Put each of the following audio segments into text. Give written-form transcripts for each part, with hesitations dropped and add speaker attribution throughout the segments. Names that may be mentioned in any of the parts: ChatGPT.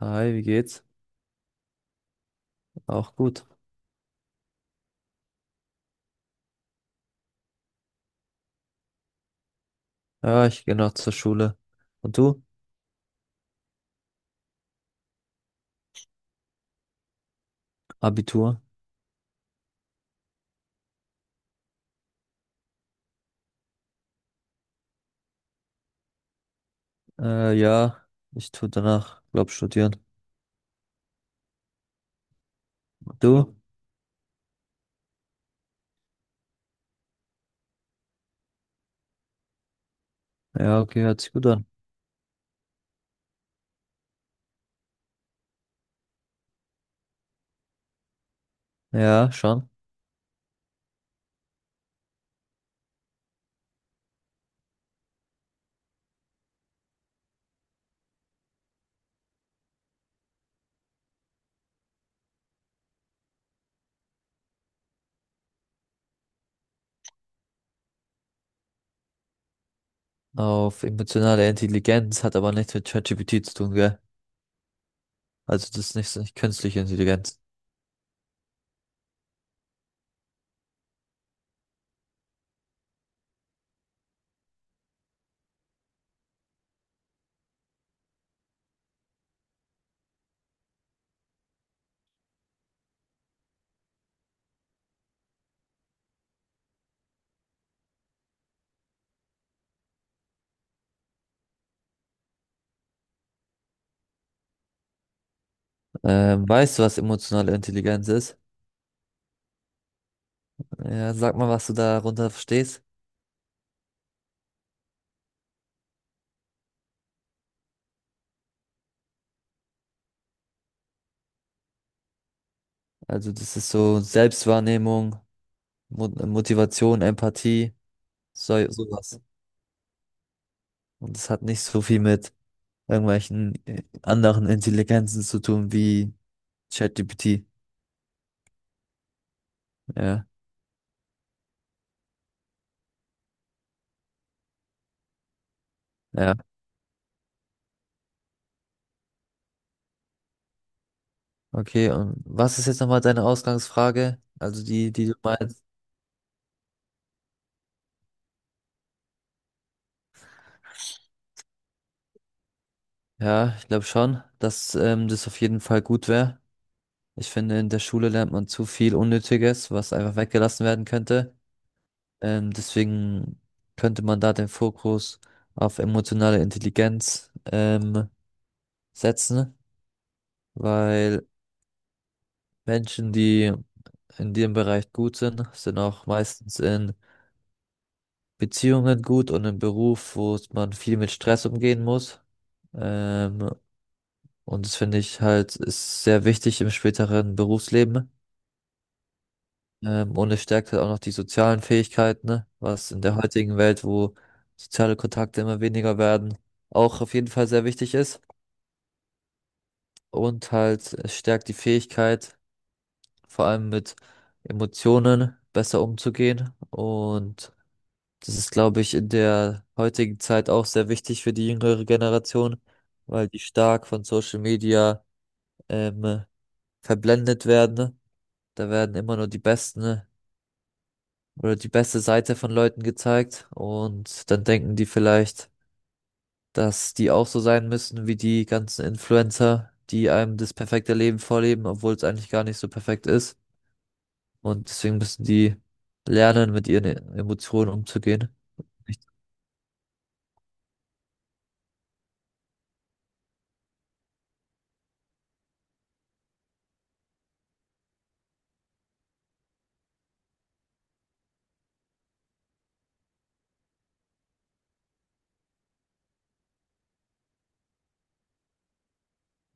Speaker 1: Hi, wie geht's? Auch gut. Ja, ich gehe noch zur Schule. Und du? Abitur? Ja, ich tu danach, glaub, studieren. Du? Ja, okay, hört sich gut an. Ja, schon. Auf emotionale Intelligenz hat aber nichts mit ChatGPT zu tun, gell? Also das ist nicht, so- nicht künstliche Intelligenz. Weißt du, was emotionale Intelligenz ist? Ja, sag mal, was du darunter verstehst. Also das ist so Selbstwahrnehmung, Mo Motivation, Empathie, sowas. Und das hat nicht so viel mit irgendwelchen anderen Intelligenzen zu tun, wie ChatGPT. Ja, ja. Okay, und was ist jetzt nochmal deine Ausgangsfrage? Also die, die du meinst. Ja, ich glaube schon, dass das auf jeden Fall gut wäre. Ich finde, in der Schule lernt man zu viel Unnötiges, was einfach weggelassen werden könnte. Deswegen könnte man da den Fokus auf emotionale Intelligenz setzen, weil Menschen, die in dem Bereich gut sind, sind auch meistens in Beziehungen gut und im Beruf, wo es- man viel mit Stress umgehen muss. Ähm, und das finde ich halt ist sehr wichtig im späteren Berufsleben. Und es stärkt halt auch noch die sozialen Fähigkeiten, ne? Was in der heutigen Welt, wo soziale Kontakte immer weniger werden, auch auf jeden Fall sehr wichtig ist. Und halt es stärkt die Fähigkeit, vor allem mit Emotionen besser umzugehen, und das ist, glaube ich, in der heutigen Zeit auch sehr wichtig für die jüngere Generation, weil die stark von Social Media ähm, verblendet werden, ne? Da werden immer nur die besten, ne, oder die beste Seite von Leuten gezeigt, und dann denken die vielleicht, dass die auch so sein müssen wie die ganzen Influencer, die einem das perfekte Leben vorleben, obwohl es eigentlich gar nicht so perfekt ist. Und deswegen müssen die lernen, mit ihren Emotionen umzugehen. Richtig.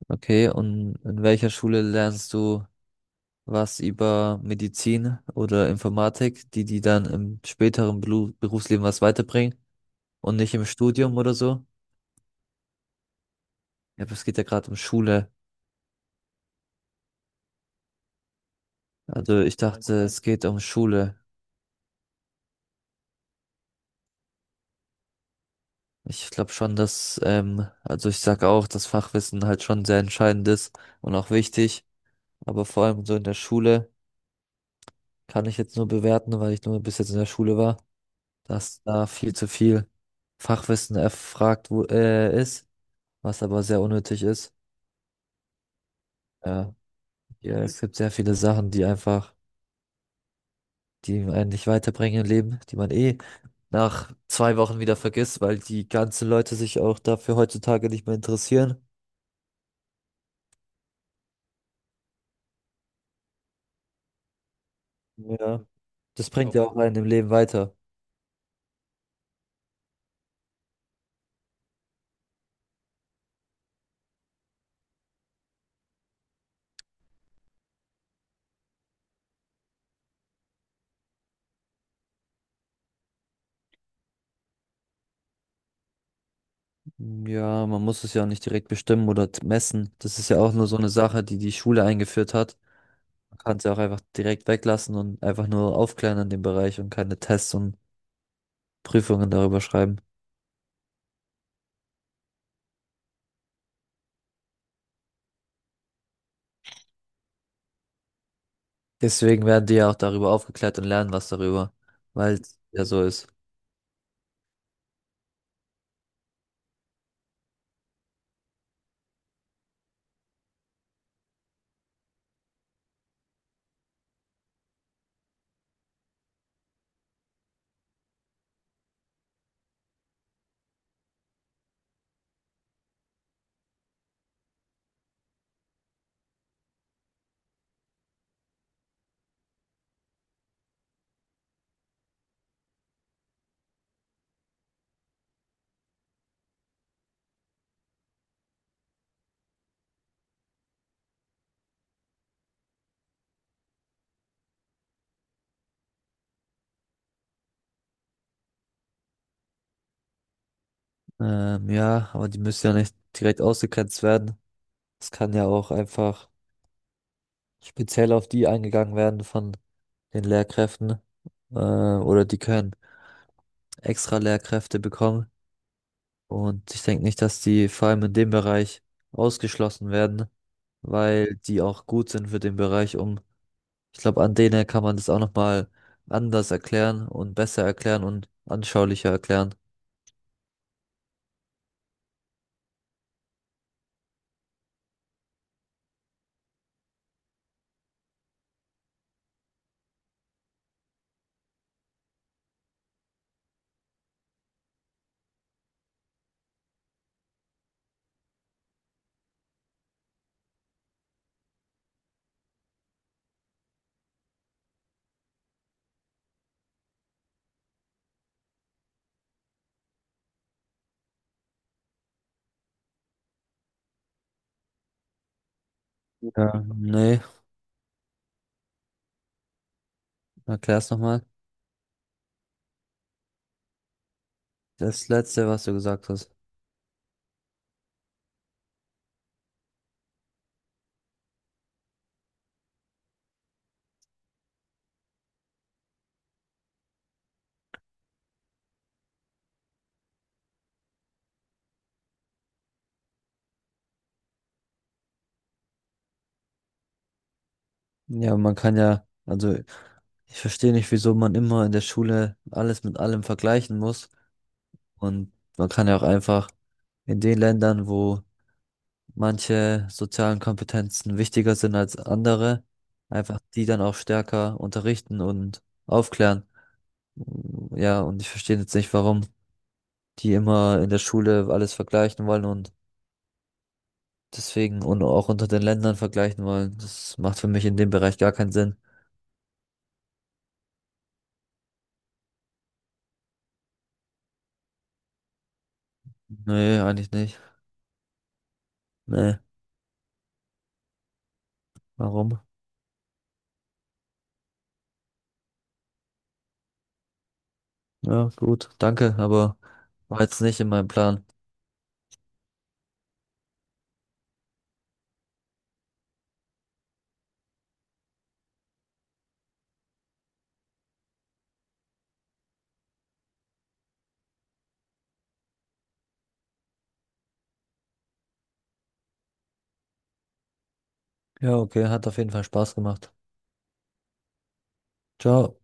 Speaker 1: Okay, und in welcher Schule lernst du was über Medizin oder Informatik, die die dann im späteren Berufsleben was weiterbringen und nicht im Studium oder so. Ja, aber es geht ja gerade um Schule. Also ich dachte, es geht um Schule. Ich glaube schon, dass, also ich sage auch, dass Fachwissen halt schon sehr entscheidend ist und auch wichtig. Aber vor allem so in der Schule kann ich jetzt nur bewerten, weil ich nur bis jetzt in der Schule war, dass da viel zu viel Fachwissen erfragt wo, ist, was aber sehr unnötig ist. Ja. Ja, es gibt sehr viele Sachen, die einfach, die einen nicht weiterbringen im Leben, die man eh nach 2 Wochen wieder vergisst, weil die ganzen Leute sich auch dafür heutzutage nicht mehr interessieren. Ja, das bringt ja auch einen im Leben weiter. Ja, man muss es ja auch nicht direkt bestimmen oder messen. Das ist ja auch nur so eine Sache, die die Schule eingeführt hat. Man kann es ja auch einfach direkt weglassen und einfach nur aufklären in dem Bereich und keine Tests und Prüfungen darüber schreiben. Deswegen werden die ja auch darüber aufgeklärt und lernen was darüber, weil es ja so ist. Ja, aber die müssen ja nicht direkt ausgegrenzt werden. Es kann ja auch einfach speziell auf die eingegangen werden von den Lehrkräften. Oder die können extra Lehrkräfte bekommen. Und ich denke nicht, dass die vor allem in dem Bereich ausgeschlossen werden, weil die auch gut sind für den Bereich. Um, ich glaube, an denen kann man das auch nochmal anders erklären und besser erklären und anschaulicher erklären. Ja, nee, erklär's nochmal. Das letzte, was du gesagt hast. Ja, man kann ja, also ich verstehe nicht, wieso man immer in der Schule alles mit allem vergleichen muss. Und man kann ja auch einfach in den Ländern, wo manche sozialen Kompetenzen wichtiger sind als andere, einfach die dann auch stärker unterrichten und aufklären. Ja, und ich verstehe jetzt nicht, warum die immer in der Schule alles vergleichen wollen und deswegen und auch unter den Ländern vergleichen wollen. Das macht für mich in dem Bereich gar keinen Sinn. Nee, eigentlich nicht. Nee, warum? Ja, gut, danke, aber war jetzt nicht in meinem Plan. Ja, okay, hat auf jeden Fall Spaß gemacht. Ciao.